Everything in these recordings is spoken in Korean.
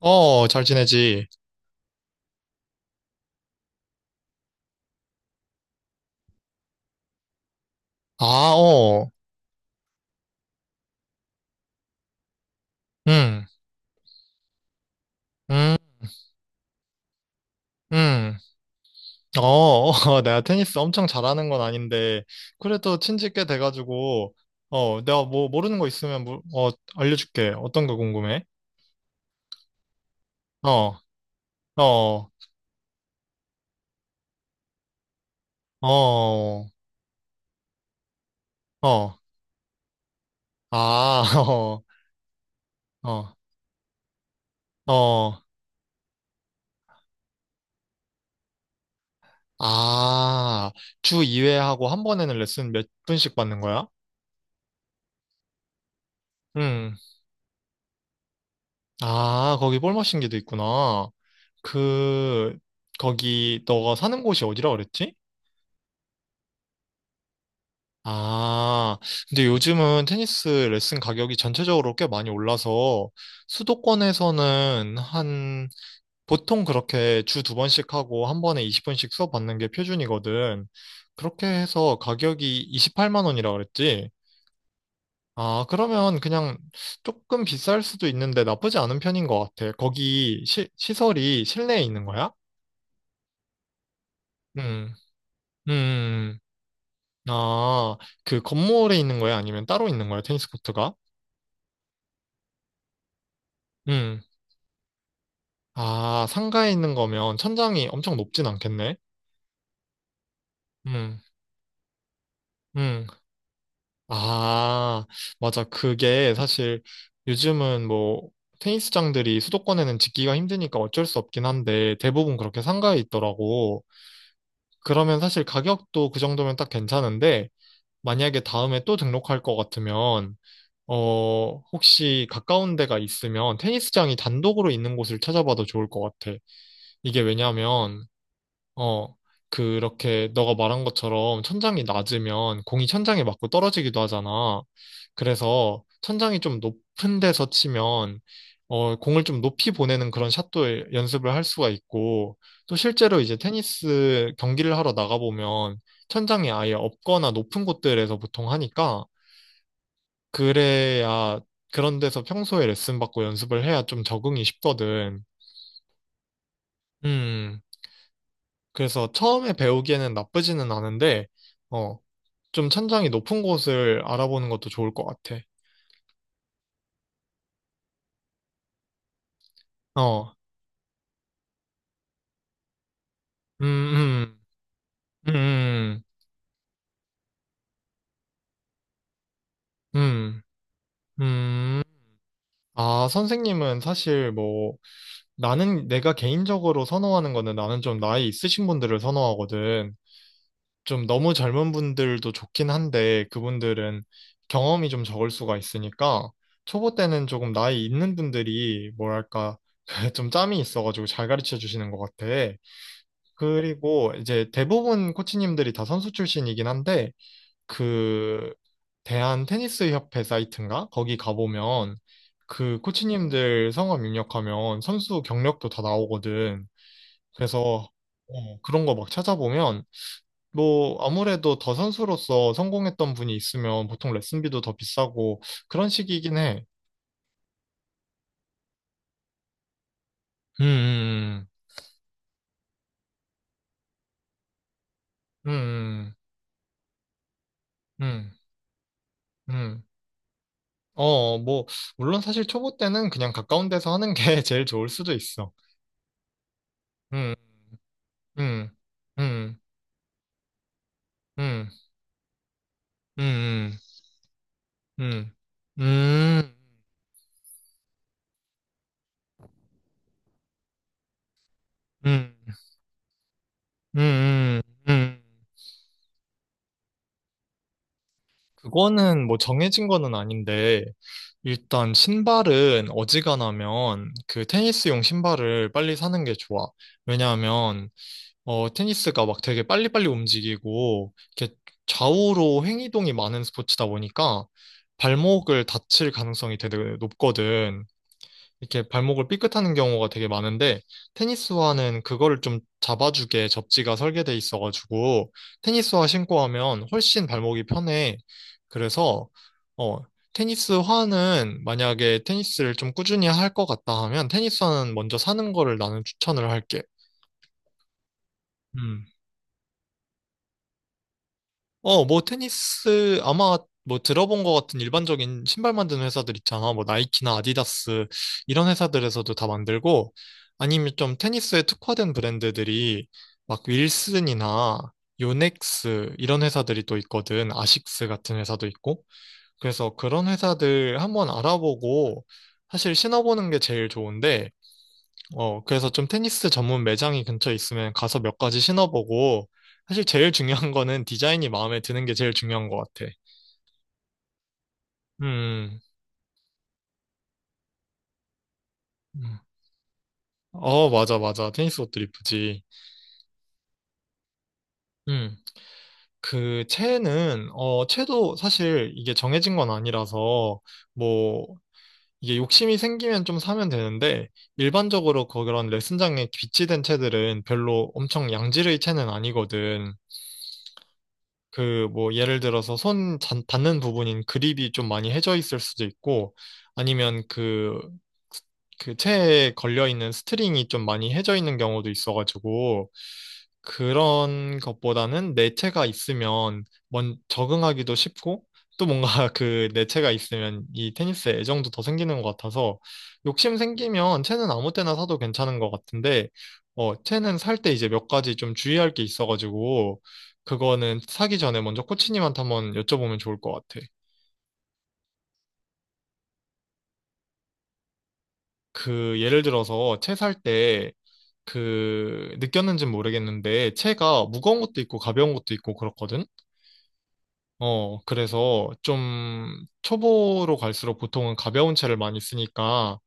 어, 잘 지내지. 아, 어, 응, 응, 응. 어, 어, 내가 테니스 엄청 잘하는 건 아닌데, 그래도 친지 꽤 돼가지고, 어, 내가 뭐 모르는 거 있으면, 알려줄게. 어떤 거 궁금해? 어, 어, 어, 어, 아, 어, 어, 어, 아, 주 2회 하고 한 번에는 레슨 몇 분씩 받는 거야? 응. 아, 거기 볼 마신 게도 있구나. 그, 거기 너가 사는 곳이 어디라 그랬지? 아, 근데 요즘은 테니스 레슨 가격이 전체적으로 꽤 많이 올라서 수도권에서는 한, 보통 그렇게 주 두 번씩 하고 한 번에 20분씩 수업 받는 게 표준이거든. 그렇게 해서 가격이 28만 원이라 그랬지? 아, 그러면 그냥 조금 비쌀 수도 있는데 나쁘지 않은 편인 것 같아. 거기 시설이 실내에 있는 거야? 음, 음, 음, 음. 아, 그 건물에 있는 거예요? 아니면 따로 있는 거예요? 테니스 코트가? 음, 아, 상가에 있는 거면 천장이 엄청 높진 않겠네? 음, 음, 아, 맞아. 그게 사실 요즘은 뭐, 테니스장들이 수도권에는 짓기가 힘드니까 어쩔 수 없긴 한데 대부분 그렇게 상가에 있더라고. 그러면 사실 가격도 그 정도면 딱 괜찮은데 만약에 다음에 또 등록할 것 같으면 어, 혹시 가까운 데가 있으면 테니스장이 단독으로 있는 곳을 찾아봐도 좋을 것 같아. 이게 왜냐면, 어, 그렇게 너가 말한 것처럼 천장이 낮으면 공이 천장에 맞고 떨어지기도 하잖아. 그래서 천장이 좀 높은 데서 치면, 어, 공을 좀 높이 보내는 그런 샷도 연습을 할 수가 있고, 또 실제로 이제 테니스 경기를 하러 나가보면 천장이 아예 없거나 높은 곳들에서 보통 하니까, 그래야 그런 데서 평소에 레슨 받고 연습을 해야 좀 적응이 쉽거든. 음, 그래서 처음에 배우기에는 나쁘지는 않은데, 어, 좀 천장이 높은 곳을 알아보는 것도 좋을 것 같아. 어, 음, 음, 음, 음, 음. 아, 선생님은 사실 뭐, 나는 내가 개인적으로 선호하는 거는 나는 좀 나이 있으신 분들을 선호하거든. 좀 너무 젊은 분들도 좋긴 한데 그분들은 경험이 좀 적을 수가 있으니까 초보 때는 조금 나이 있는 분들이 뭐랄까 좀 짬이 있어가지고 잘 가르쳐 주시는 것 같아. 그리고 이제 대부분 코치님들이 다 선수 출신이긴 한데 그 대한 테니스 협회 사이트인가? 거기 가보면 그 코치님들 성함 입력하면 선수 경력도 다 나오거든. 그래서 어, 그런 거 막 찾아보면 뭐, 아무래도 더 선수로서 성공했던 분이 있으면 보통 레슨비도 더 비싸고 그런 식이긴 해. 음, 음, 음, 음, 음. 어, 뭐, 물론 사실 초보 때는 그냥 가까운 데서 하는 게 제일 좋을 수도 있어. 음, 음, 음, 음, 음, 음, 음, 음, 음, 음, 음. 음. 그거는 뭐 정해진 거는 아닌데, 일단 신발은 어지간하면 그 테니스용 신발을 빨리 사는 게 좋아. 왜냐하면 어 테니스가 막 되게 빨리빨리 움직이고 이렇게 좌우로 횡이동이 많은 스포츠다 보니까 발목을 다칠 가능성이 되게 높거든. 이렇게 발목을 삐끗하는 경우가 되게 많은데 테니스화는 그거를 좀 잡아주게 접지가 설계돼 있어가지고 테니스화 신고 하면 훨씬 발목이 편해. 그래서 어 테니스화는 만약에 테니스를 좀 꾸준히 할 것 같다 하면 테니스화는 먼저 사는 거를 나는 추천을 할게. 음. 어, 뭐 테니스 아마 뭐 들어본 것 같은 일반적인 신발 만드는 회사들 있잖아. 뭐 나이키나 아디다스 이런 회사들에서도 다 만들고 아니면 좀 테니스에 특화된 브랜드들이 막 윌슨이나 요넥스 이런 회사들이 또 있거든. 아식스 같은 회사도 있고. 그래서 그런 회사들 한번 알아보고 사실 신어보는 게 제일 좋은데 어, 그래서 좀 테니스 전문 매장이 근처에 있으면 가서 몇 가지 신어보고, 사실 제일 중요한 거는 디자인이 마음에 드는 게 제일 중요한 것 같아. 음, 음. 어, 맞아, 맞아. 테니스 옷들 이쁘지. 음, 그, 채는, 어, 채도 사실 이게 정해진 건 아니라서, 뭐, 이게 욕심이 생기면 좀 사면 되는데, 일반적으로 그런 레슨장에 비치된 채들은 별로 엄청 양질의 채는 아니거든. 그 뭐 예를 들어서 닿는 부분인 그립이 좀 많이 해져 있을 수도 있고 아니면 그 체에 걸려 있는 스트링이 좀 많이 해져 있는 경우도 있어가지고 그런 것보다는 내체가 있으면 먼 적응하기도 쉽고 또 뭔가 그 내체가 있으면 이 테니스에 애정도 더 생기는 것 같아서 욕심 생기면 채는 아무 때나 사도 괜찮은 것 같은데 어 채는 살 때 이제 몇 가지 좀 주의할 게 있어가지고 그거는 사기 전에 먼저 코치님한테 한번 여쭤보면 좋을 것 같아. 그 예를 들어서 채 살 때 그 느꼈는지는 모르겠는데 채가 무거운 것도 있고 가벼운 것도 있고 그렇거든. 어, 그래서 좀 초보로 갈수록 보통은 가벼운 채를 많이 쓰니까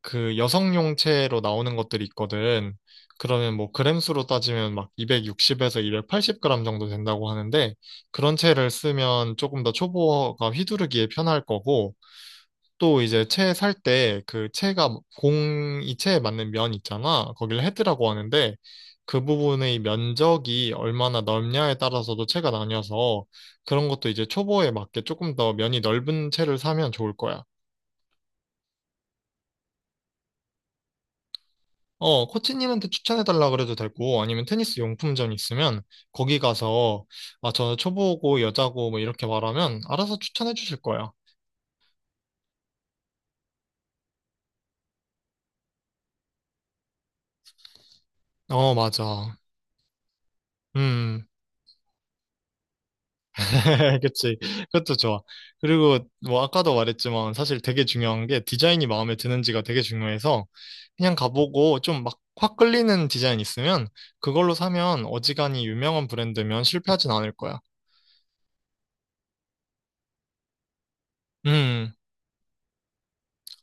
그 여성용 채로 나오는 것들이 있거든. 그러면 뭐 그램수로 따지면 막 260에서 280g 정도 된다고 하는데 그런 채를 쓰면 조금 더 초보가 휘두르기에 편할 거고 또 이제 채 살 때 그 채가 공이 채에 맞는 면 있잖아. 거기를 헤드라고 하는데 그 부분의 면적이 얼마나 넓냐에 따라서도 채가 나뉘어서 그런 것도 이제 초보에 맞게 조금 더 면이 넓은 채를 사면 좋을 거야. 어, 코치님한테 추천해달라 그래도 되고 아니면 테니스 용품점 있으면 거기 가서 아, 저는 초보고 여자고 뭐 이렇게 말하면 알아서 추천해 주실 거야. 어, 맞아. 음. 그치. 그것도 좋아. 그리고 뭐 아까도 말했지만 사실 되게 중요한 게 디자인이 마음에 드는지가 되게 중요해서 그냥 가보고 좀 막 확 끌리는 디자인 있으면 그걸로 사면 어지간히 유명한 브랜드면 실패하진 않을 거야. 음.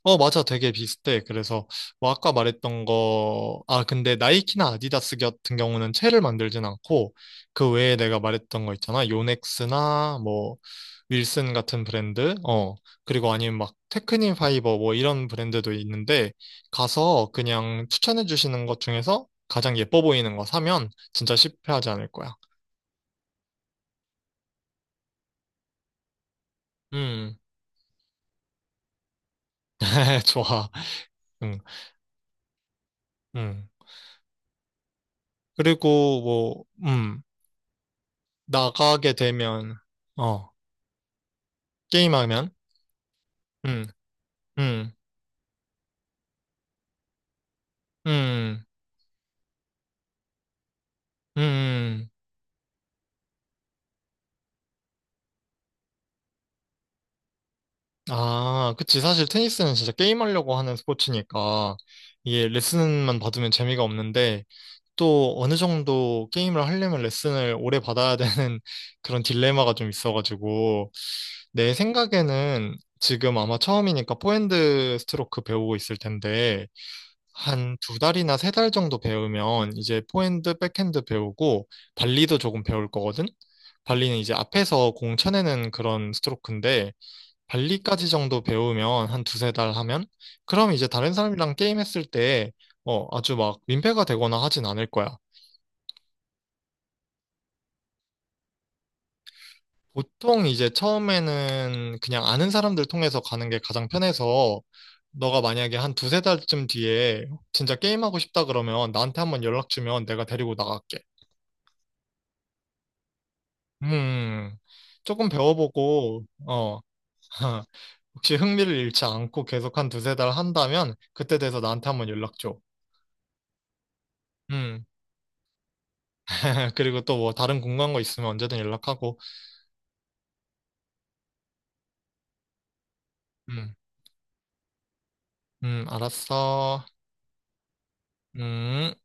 어, 맞아. 되게 비슷해. 그래서, 뭐, 아까 말했던 거, 아, 근데 나이키나 아디다스 같은 경우는 채를 만들진 않고, 그 외에 내가 말했던 거 있잖아. 요넥스나, 뭐, 윌슨 같은 브랜드, 어, 그리고 아니면 막, 테크닌 파이버, 뭐, 이런 브랜드도 있는데, 가서 그냥 추천해 주시는 것 중에서 가장 예뻐 보이는 거 사면 진짜 실패하지 않을 거야. 음, 좋아. 음, 음. 그리고 뭐, 나가게 되면, 어. 게임하면? 음, 음, 음, 음. 아, 그치. 사실 테니스는 진짜 게임하려고 하는 스포츠니까 이게 레슨만 받으면 재미가 없는데 또 어느 정도 게임을 하려면 레슨을 오래 받아야 되는 그런 딜레마가 좀 있어가지고 내 생각에는 지금 아마 처음이니까 포핸드 스트로크 배우고 있을 텐데 한 두 달이나 세 달 정도 배우면 이제 포핸드, 백핸드 배우고 발리도 조금 배울 거거든? 발리는 이제 앞에서 공 쳐내는 그런 스트로크인데 발리까지 정도 배우면 한 두세 달 하면 그럼 이제 다른 사람이랑 게임했을 때 어, 아주 막 민폐가 되거나 하진 않을 거야. 보통 이제 처음에는 그냥 아는 사람들 통해서 가는 게 가장 편해서 너가 만약에 한 두세 달쯤 뒤에 진짜 게임하고 싶다 그러면 나한테 한번 연락 주면 내가 데리고 나갈게. 음, 조금 배워보고, 어, 혹시 흥미를 잃지 않고 계속 한 두세 달 한다면, 그때 돼서 나한테 한번 연락 줘. 음, 그리고 또 뭐 다른 궁금한 거 있으면 언제든 연락하고, 음, 알았어. 음.